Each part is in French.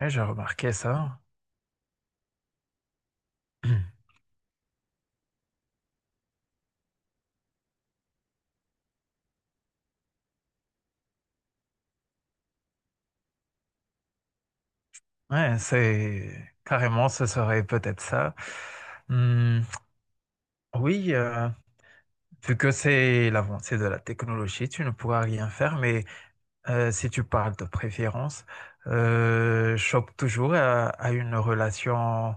Ouais, j'ai remarqué ça. Ouais, c'est carrément, ce serait peut-être ça. Hum, oui, vu que c'est l'avancée de la technologie, tu ne pourras rien faire, mais si tu parles de préférence, chope toujours à une relation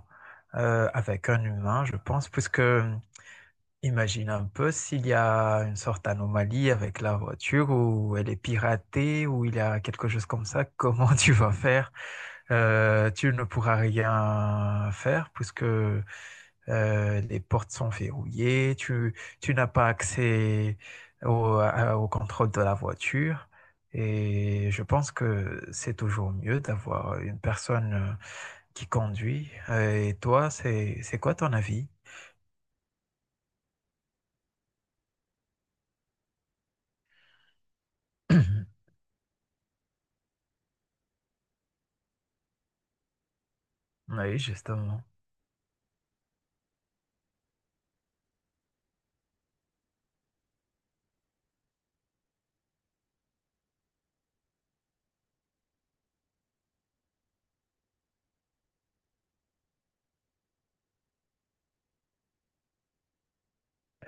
avec un humain, je pense, puisque imagine un peu s'il y a une sorte d'anomalie avec la voiture ou elle est piratée ou il y a quelque chose comme ça, comment tu vas faire? Tu ne pourras rien faire puisque les portes sont verrouillées, tu n'as pas accès au contrôle de la voiture. Et je pense que c'est toujours mieux d'avoir une personne qui conduit. Et toi, c'est quoi ton avis? Oui, justement.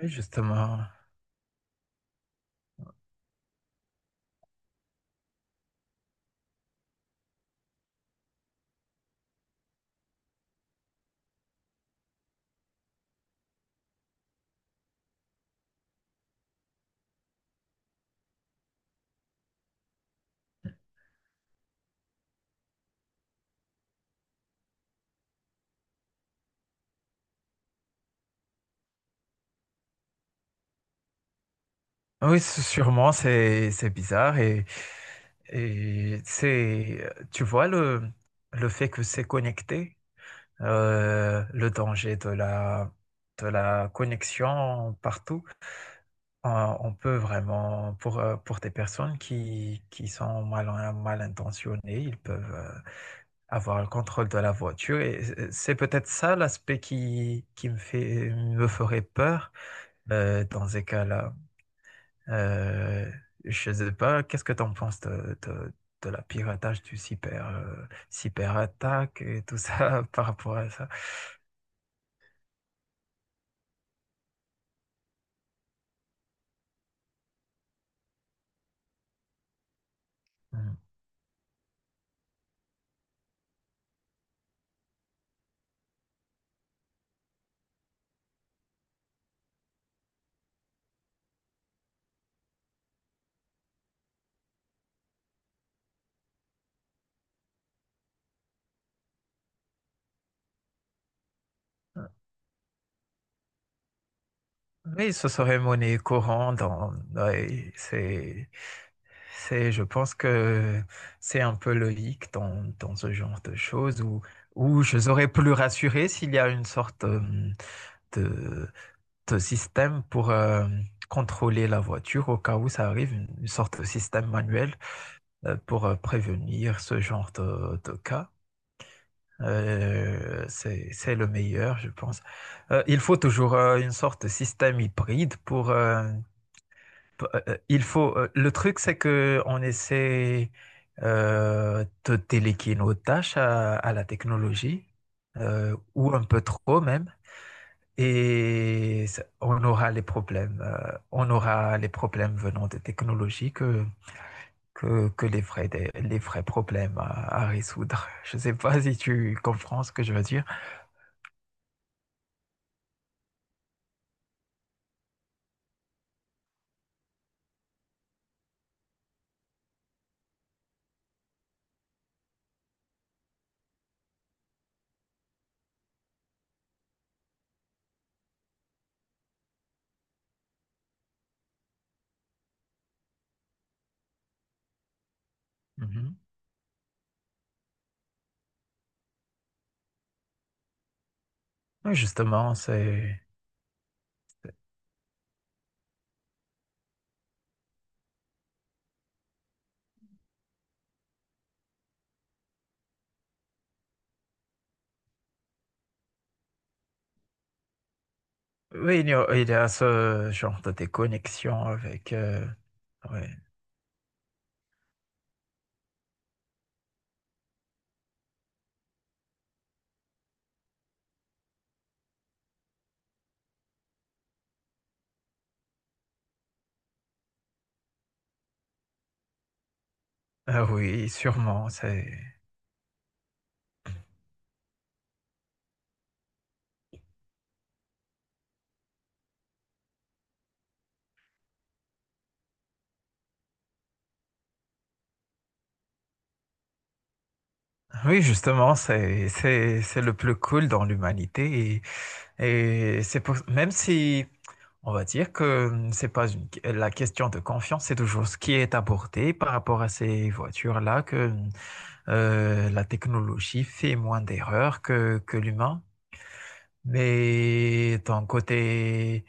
Oui, justement. Oui, c- sûrement, c'est bizarre et c'est, tu vois, le fait que c'est connecté, le danger de la connexion partout, on peut vraiment, pour des personnes qui sont mal intentionnées, ils peuvent avoir le contrôle de la voiture, et c'est peut-être ça l'aspect qui me fait, me ferait peur dans ces cas-là. Euh, je sais pas, qu'est-ce que tu en penses de la piratage du cyber, cyberattaque et tout ça par rapport à ça? Mm. Oui, ce serait monnaie courante. Dans- ouais, c'est, je pense que c'est un peu logique dans ce genre de choses où, où je serais plus rassuré s'il y a une sorte de, de système pour contrôler la voiture au cas où ça arrive, une sorte de système manuel pour prévenir ce genre de cas. C'est le meilleur, je pense. Il faut toujours une sorte de système hybride pour... il faut, le truc, c'est que on essaie de déléguer nos tâches à la technologie, ou un peu trop même, et ça- on aura les problèmes. On aura les problèmes venant des technologies que les les vrais problèmes à résoudre. Je ne sais pas si tu comprends ce que je veux dire. Mhm. Oui, justement, c'est... Oui, il y a ce genre de déconnexion avec... ouais. Ah oui, sûrement, c'est... Oui, justement, c'est le plus cool dans l'humanité. Et c'est pour, même si on va dire que c'est pas une- la question de confiance, c'est toujours ce qui est abordé par rapport à ces voitures-là que la technologie fait moins d'erreurs que l'humain. Mais d'un côté,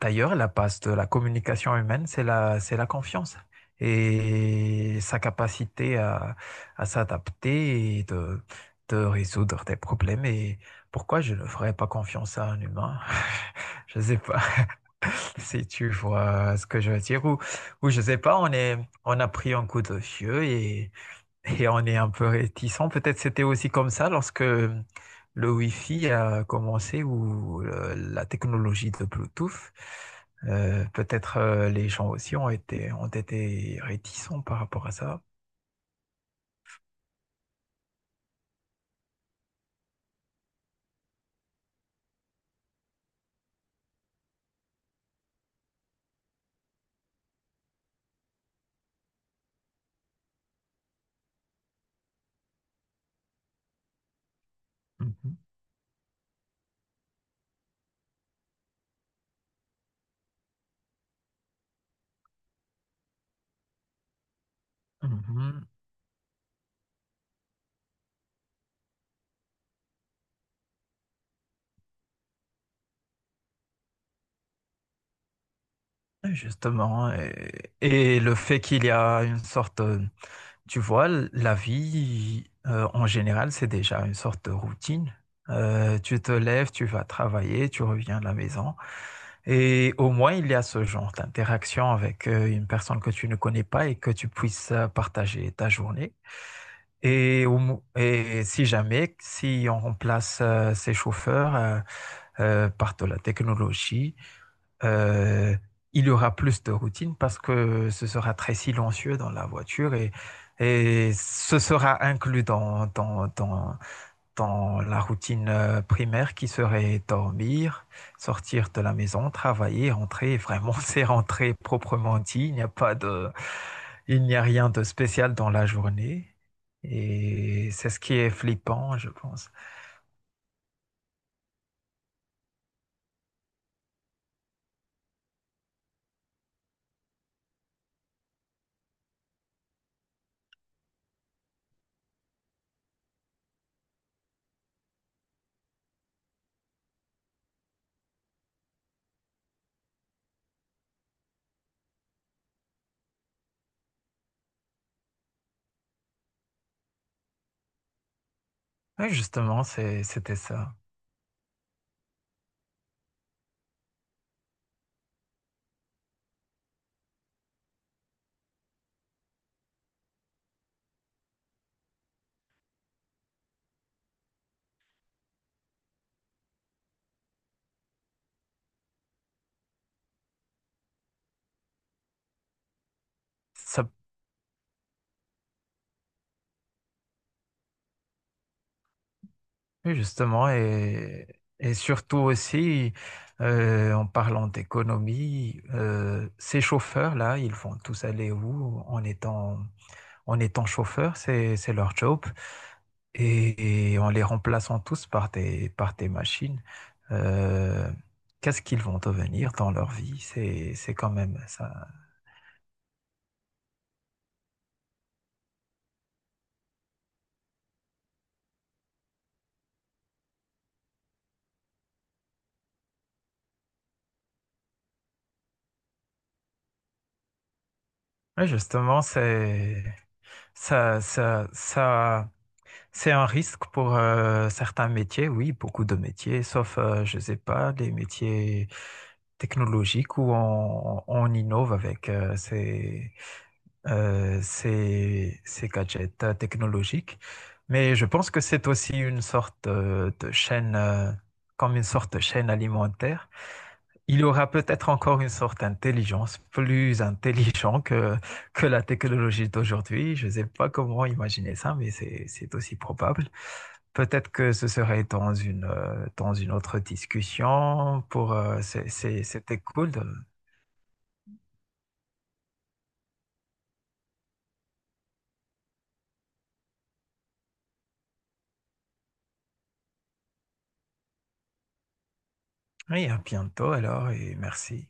d'ailleurs, la base de la communication humaine, c'est c'est la confiance et sa capacité à s'adapter et de résoudre des problèmes. Et pourquoi je ne ferais pas confiance à un humain? Je sais pas si tu vois ce que je veux dire. Ou je sais pas, on a pris un coup de vieux et on est un peu réticent. Peut-être c'était aussi comme ça lorsque le Wi-Fi a commencé ou la technologie de Bluetooth. Peut-être les gens aussi ont été réticents par rapport à ça. Mhm, mhm. Justement. Et le fait qu'il y a une sorte tu vois, l- la vie, en général, c'est déjà une sorte de routine. Tu te lèves, tu vas travailler, tu reviens à la maison. Et au moins, il y a ce genre d'interaction avec une personne que tu ne connais pas et que tu puisses partager ta journée. Et, au mo- et si jamais, si on remplace ces chauffeurs par de la technologie, euh, il y aura plus de routine parce que ce sera très silencieux dans la voiture, et ce sera inclus dans la routine primaire qui serait dormir, sortir de la maison, travailler, rentrer. Vraiment, c'est rentrer proprement dit. Il n'y a rien de spécial dans la journée. Et c'est ce qui est flippant, je pense. Oui, justement, c'est- c'était ça. Ça oui, justement, et surtout aussi, en parlant d'économie, ces chauffeurs-là, ils vont tous aller où en étant chauffeurs, c'est leur job, et en les remplaçant tous par des machines, euh, qu'est-ce qu'ils vont devenir dans leur vie? C'est quand même ça. Oui, justement, ça, ça, ça. C'est un risque pour certains métiers, oui, beaucoup de métiers, sauf, je ne sais pas, les métiers technologiques où on innove avec ces gadgets technologiques. Mais je pense que c'est aussi une sorte de chaîne, comme une sorte de chaîne alimentaire. Il aura peut-être encore une sorte d'intelligence plus intelligente que la technologie d'aujourd'hui. Je ne sais pas comment imaginer ça, mais c'est aussi probable. Peut-être que ce serait dans une autre discussion pour, c'était cool. De- oui, à bientôt alors et merci.